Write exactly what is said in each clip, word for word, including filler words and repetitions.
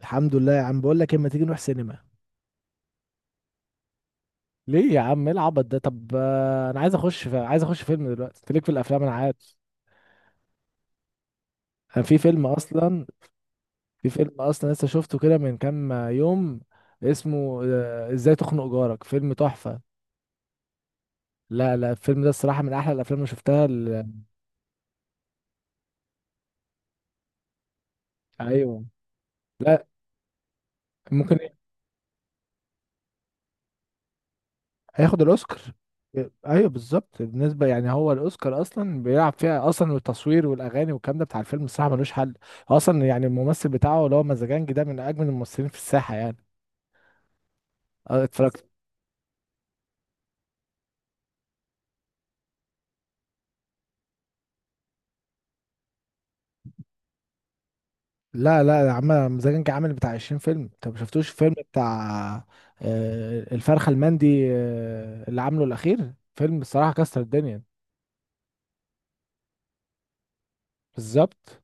الحمد لله يا عم، بقول لك اما تيجي نروح سينما. ليه يا عم؟ ايه العبط ده؟ طب آه، انا عايز اخش في... عايز اخش فيلم دلوقتي. انت ليك في الافلام انا عارف. انا في فيلم اصلا. في فيلم اصلا لسه شفته كده من كام يوم، اسمه آه، ازاي تخنق جارك. فيلم تحفة. لا لا، الفيلم ده الصراحة من احلى الافلام اللي شفتها ال... ايوه. لا. ممكن. هياخد الاوسكار. ايوه بالظبط، بالنسبه يعني هو الاوسكار اصلا بيلعب فيها اصلا التصوير والاغاني والكلام ده. بتاع الفيلم الصراحه ملوش حل. اصلا يعني الممثل بتاعه اللي هو مزاجنجي ده من اجمل الممثلين في الساحه يعني. أه، اتفرجت. لا لا، عمل مزاجنجي عامل بتاع 20 فيلم، انت ما شفتوش الفيلم بتاع آه، الفرخه المندي، آه، اللي عامله الاخير. فيلم الصراحه كسر الدنيا. بالظبط.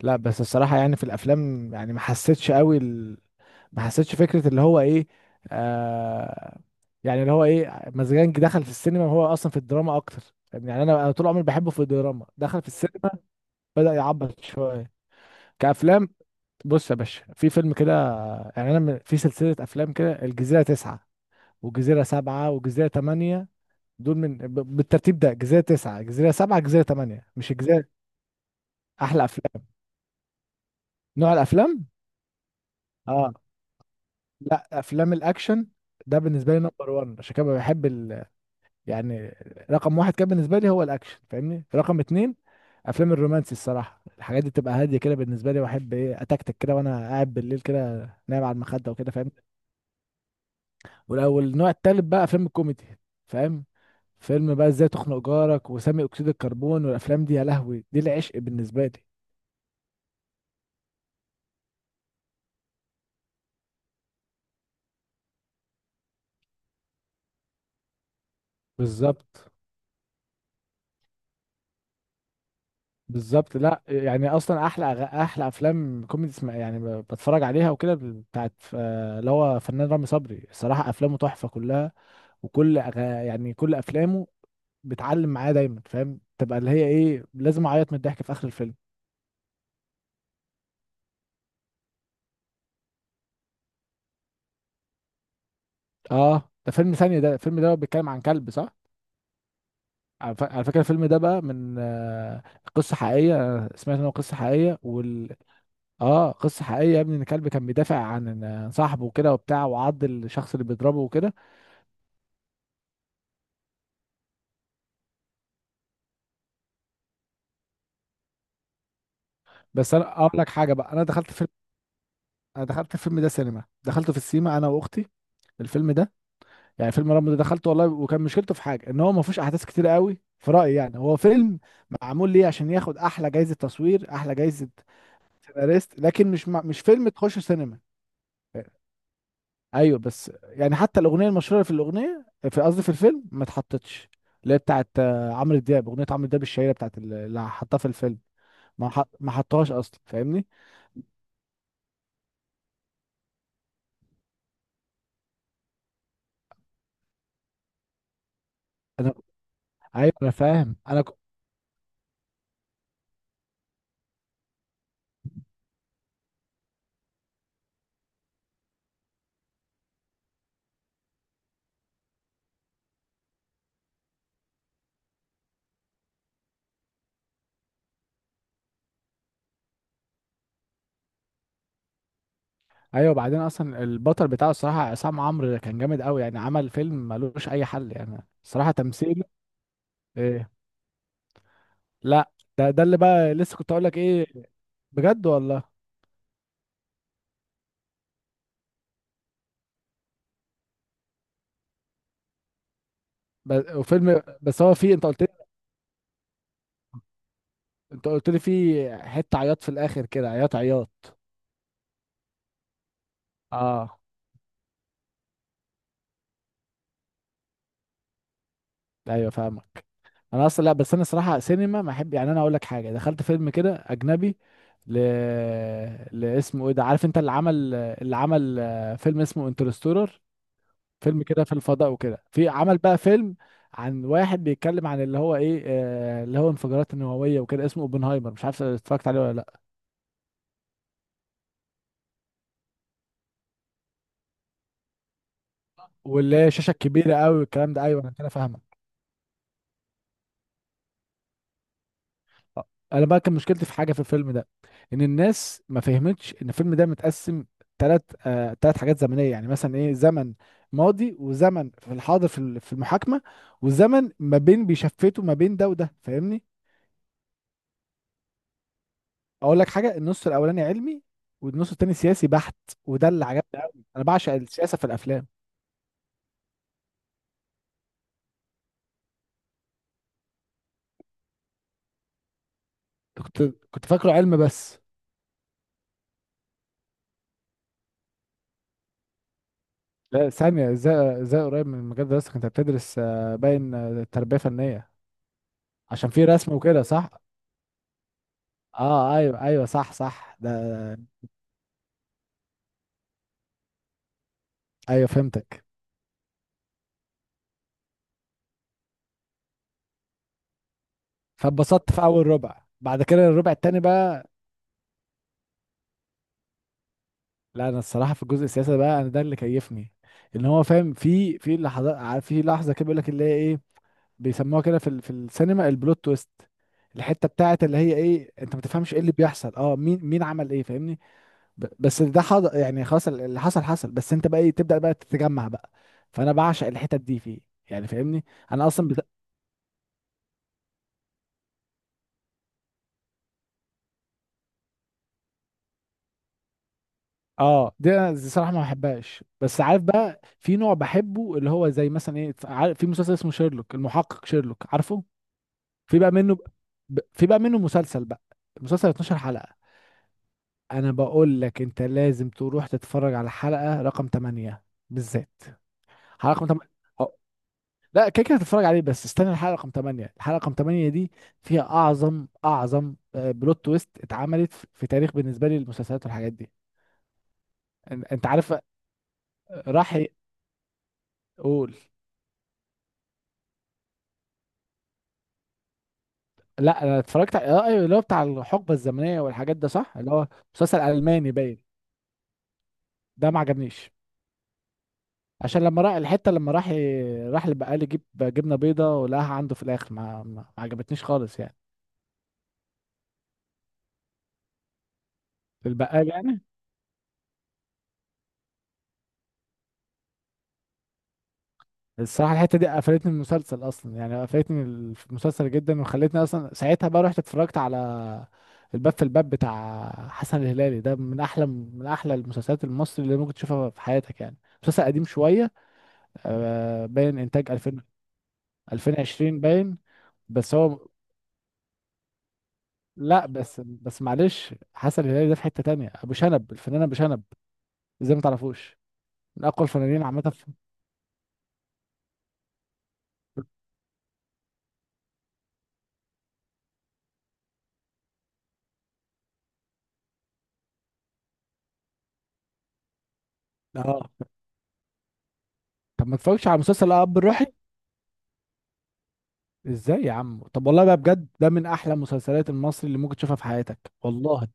لا بس الصراحة يعني في الأفلام يعني ما حسيتش قوي ال... ما حسيتش فكرة اللي هو إيه. آه يعني اللي هو إيه، مزجنجي دخل في السينما وهو أصلا في الدراما أكتر. يعني أنا أنا طول عمري بحبه في الدراما، دخل في السينما بدأ يعبط شوية. كأفلام، بص يا باشا في فيلم كده. يعني أنا من- في سلسلة أفلام كده، الجزيرة تسعة وجزيرة سبعة وجزيرة تمانية، دول من ب- بالترتيب ده: جزيرة تسعة، جزيرة سبعة، جزيرة تمانية، مش الجزيرة. أحلى أفلام، نوع الأفلام؟ آه. لا، افلام الاكشن ده بالنسبه لي نمبر وان، عشان كده بحب ال... يعني رقم واحد كان بالنسبه لي هو الاكشن فاهمني. رقم اتنين افلام الرومانسي، الصراحه الحاجات دي بتبقى هاديه كده بالنسبه لي، واحب ايه اتكتك كده وانا قاعد بالليل كده نايم على المخده وكده فاهم. والاول النوع التالت بقى فيلم كوميدي فاهم، فيلم بقى ازاي تخنق جارك وسامي اكسيد الكربون، والافلام دي يا لهوي دي العشق بالنسبه لي. بالظبط بالظبط. لا يعني اصلا احلى أغ- احلى افلام كوميدي اسم- يعني ب- بتفرج عليها وكده بتاعت آه، اللي هو فنان رامي صبري. الصراحه افلامه تحفه كلها، وكل أغ- يعني كل افلامه بتعلم معايا دايما فاهم، تبقى اللي هي ايه، لازم اعيط من الضحك في اخر الفيلم. اه ده فيلم ثاني، ده الفيلم ده بيتكلم عن كلب صح. على ف- على فكره الفيلم ده بقى من آه، قصه حقيقيه. أنا سمعت ان هو قصه حقيقيه وال اه قصه حقيقيه يا ابني، ان كلب كان بيدافع عن آه، صاحبه وكده وبتاع، وعض الشخص اللي بيضربه وكده. بس انا اقول لك حاجه بقى، انا دخلت فيلم. انا دخلت الفيلم ده سينما، دخلته في السينما انا واختي. الفيلم ده يعني فيلم رامبو ده دخلته والله، وكان مشكلته في حاجه ان هو ما فيهوش احداث كتير قوي في رايي. يعني هو فيلم معمول ليه عشان ياخد احلى جايزه تصوير، احلى جايزه سيناريست، لكن مش مع- مش فيلم تخش سينما. ايوه بس يعني حتى الاغنيه المشهوره في الاغنيه في قصدي في الفيلم ما اتحطتش، اللي هي بتاعت آه، عمرو دياب، اغنيه عمرو دياب الشهيره بتاعت ال- اللي حطها في الفيلم ما ح- ما حطهاش اصلا فاهمني. انا ايوه انا فاهم انا ك- ايوه، وبعدين اصلا البطل بتاعه الصراحه عصام عمرو كان جامد قوي، يعني عمل فيلم ملوش اي حل يعني الصراحه تمثيل. إيه؟ لا. ده ده اللي بقى لسه كنت اقول لك ايه. بجد والله. ب- وفيلم بس هو فيه، انت قلت لي. انت قلت لي فيه حته عياط في الاخر كده، عياط عياط. اه ايوه فاهمك. انا اصلا لا، بس انا صراحه سينما ما احب، يعني انا اقول لك حاجه، دخلت فيلم كده اجنبي ل... لاسمه ايه ده؟ عارف انت اللي عمل اللي عمل آه، فيلم اسمه انترستولر. فيلم كده في الفضاء وكده، في عمل بقى فيلم عن واحد بيتكلم عن اللي هو ايه آه، اللي هو انفجارات النووية وكده اسمه اوبنهايمر، مش عارف اتفرجت عليه ولا لا. واللي هي الشاشة الكبيرة قوي والكلام ده، ايوه انا كده فاهمك. آه، انا بقى كان مشكلتي في حاجة في الفيلم ده، ان الناس ما فهمتش ان الفيلم ده متقسم ثلاث آه ثلاث حاجات زمنية. يعني مثلا ايه، زمن ماضي وزمن في الحاضر في ال- في المحاكمة، وزمن ما بين بيشفتوا ما بين ده وده فاهمني. اقول لك حاجه، النص الاولاني علمي والنص التاني سياسي بحت، وده اللي عجبني قوي. انا بعشق السياسه في الافلام. كنت كنت فاكره علم بس. لا ثانيه، ازاي ازاي قريب من المجال ده اصلا؟ كنت بتدرس آه، باين آه، تربيه فنيه عشان في رسم وكده صح. اه ايوه ايوه صح صح ده. ايوه فهمتك. فاتبسطت في اول ربع، بعد كده الربع التاني بقى. لا انا الصراحه في الجزء السياسي ده بقى انا، ده اللي كيفني. ان هو فاهم في في لحظات في لحظه كده بيقول لك اللي هي ايه، بيسموها كده في ال- في السينما البلوت تويست. الحته بتاعت اللي هي ايه، انت ما تفهمش ايه اللي بيحصل. اه مين مين عمل ايه فاهمني. ب- بس ده حض... يعني خلاص ال- اللي حصل حصل، بس انت بقى ايه تبدا بقى تتجمع بقى. فانا بعشق الحتت دي فيه، يعني فاهمني. انا اصلا بت... اه دي انا دي صراحه ما بحبهاش. بس عارف بقى في نوع بحبه اللي هو زي مثلا ايه، عارف في مسلسل اسمه شيرلوك، المحقق شيرلوك عارفه. في بقى منه ب... في بقى منه مسلسل بقى، المسلسل 12 حلقه. انا بقول لك انت لازم تروح تتفرج على حلقة رقم تمانية بالذات. حلقة رقم تمانية. أو- لا كده كده هتتفرج عليه، بس استنى الحلقة رقم تمانية. الحلقة رقم تمانية دي فيها اعظم اعظم آه، بلوت تويست اتعملت في في تاريخ بالنسبة لي المسلسلات والحاجات دي. ان- انت عارف آه، راح يقول. لا انا اتفرجت على آه، أيوة، اللي هو بتاع الحقبة الزمنية والحاجات ده صح، اللي هو مسلسل الماني باين. ده ما عجبنيش عشان لما راح الحته، لما راح ي- راح البقال يجيب جبنه بيضه ولقاها عنده في الاخر. ما, ما ما عجبتنيش خالص يعني. البقال يعني. الصراحه الحته دي قفلتني من المسلسل اصلا، يعني قفلتني من المسلسل جدا، وخلتني اصلا ساعتها بقى رحت اتفرجت على الباب. في الباب بتاع حسن الهلالي ده من احلى من احلى المسلسلات المصري اللي ممكن تشوفها في حياتك يعني. مسلسل قديم شويه آه، باين انتاج ألفين، ألفين وعشرين باين. بس هو لا، بس بس معلش، حسن الهلالي ده في حته تانية ابو شنب، الفنان ابو شنب، ازاي ما تعرفوش؟ من اقوى الفنانين عامه في- اه. طب ما تتفرجش على مسلسل اب الروحي؟ ازاي يا عم؟ طب والله بقى بجد ده من احلى المسلسلات المصري اللي ممكن تشوفها في حياتك والله.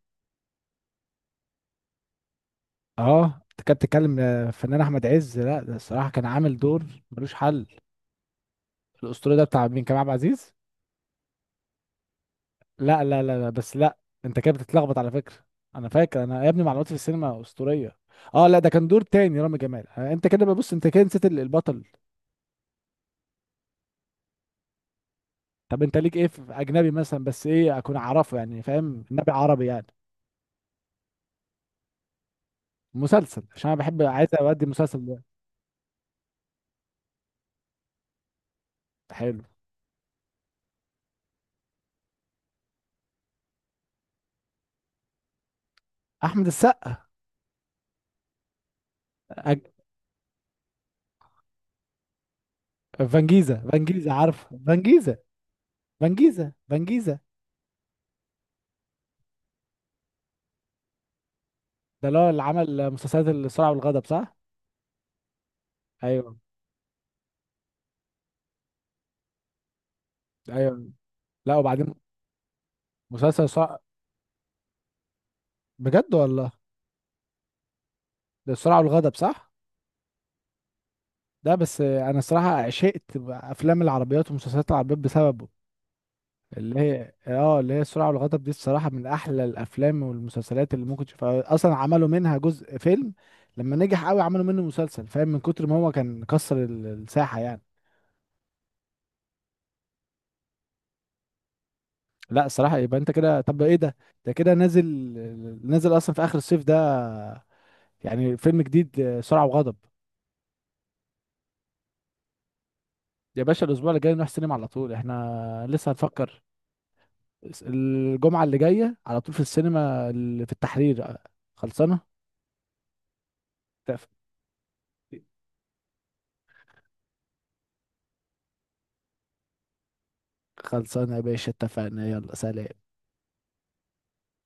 اه انت كانت بتتكلم آه، الفنان احمد عز، لا ده الصراحه كان عامل دور ملوش حل. الاسطوره ده بتاع مين، كريم عبد العزيز؟ لا لا لا لا، بس لا، انت كده بتتلخبط على فكره. انا فاكر انا يا ابني، معلوماتي في السينما اسطوريه. اه لا ده كان دور تاني رامي جمال. آه، انت كده ببص انت كده نسيت ال- البطل. طب انت ليك ايه في اجنبي مثلا، بس ايه اكون اعرفه يعني فاهم، النبي عربي يعني. مسلسل عشان انا بحب، عايز اودي مسلسل ده. حلو. احمد السقا. أج... فانجيزا. فانجيزا عارف فانجيزا. فانجيزا فانجيزا. ده اللي هو اللي عمل مسلسلات السرعه والغضب صح. ايوه ايوه. لا وبعدين مسلسل السرعه. بجد والله. ده السرعه والغضب صح. ده بس انا الصراحه عشقت افلام العربيات ومسلسلات العربيات بسببه. اللي هي اه اللي هي السرعة والغضب دي الصراحة من أحلى الأفلام والمسلسلات اللي ممكن تشوفها. أصلا عملوا منها جزء فيلم، لما نجح قوي عملوا منه مسلسل فاهم، من كتر ما هو كان كسر ال- الساحة يعني. لا الصراحة يبقى أنت كده، طب إيه ده، ده كده نازل، نازل أصلا في آخر الصيف ده، يعني فيلم جديد آه، سرعة وغضب. يا باشا الأسبوع اللي جاي نروح السينما على طول، إحنا لسه هنفكر. الس- الجمعة اللي جاية على طول في السينما ال- في التحرير آه، خلصانة. اتفق- خلصانة يا باشا اتفقنا، يلا سلام.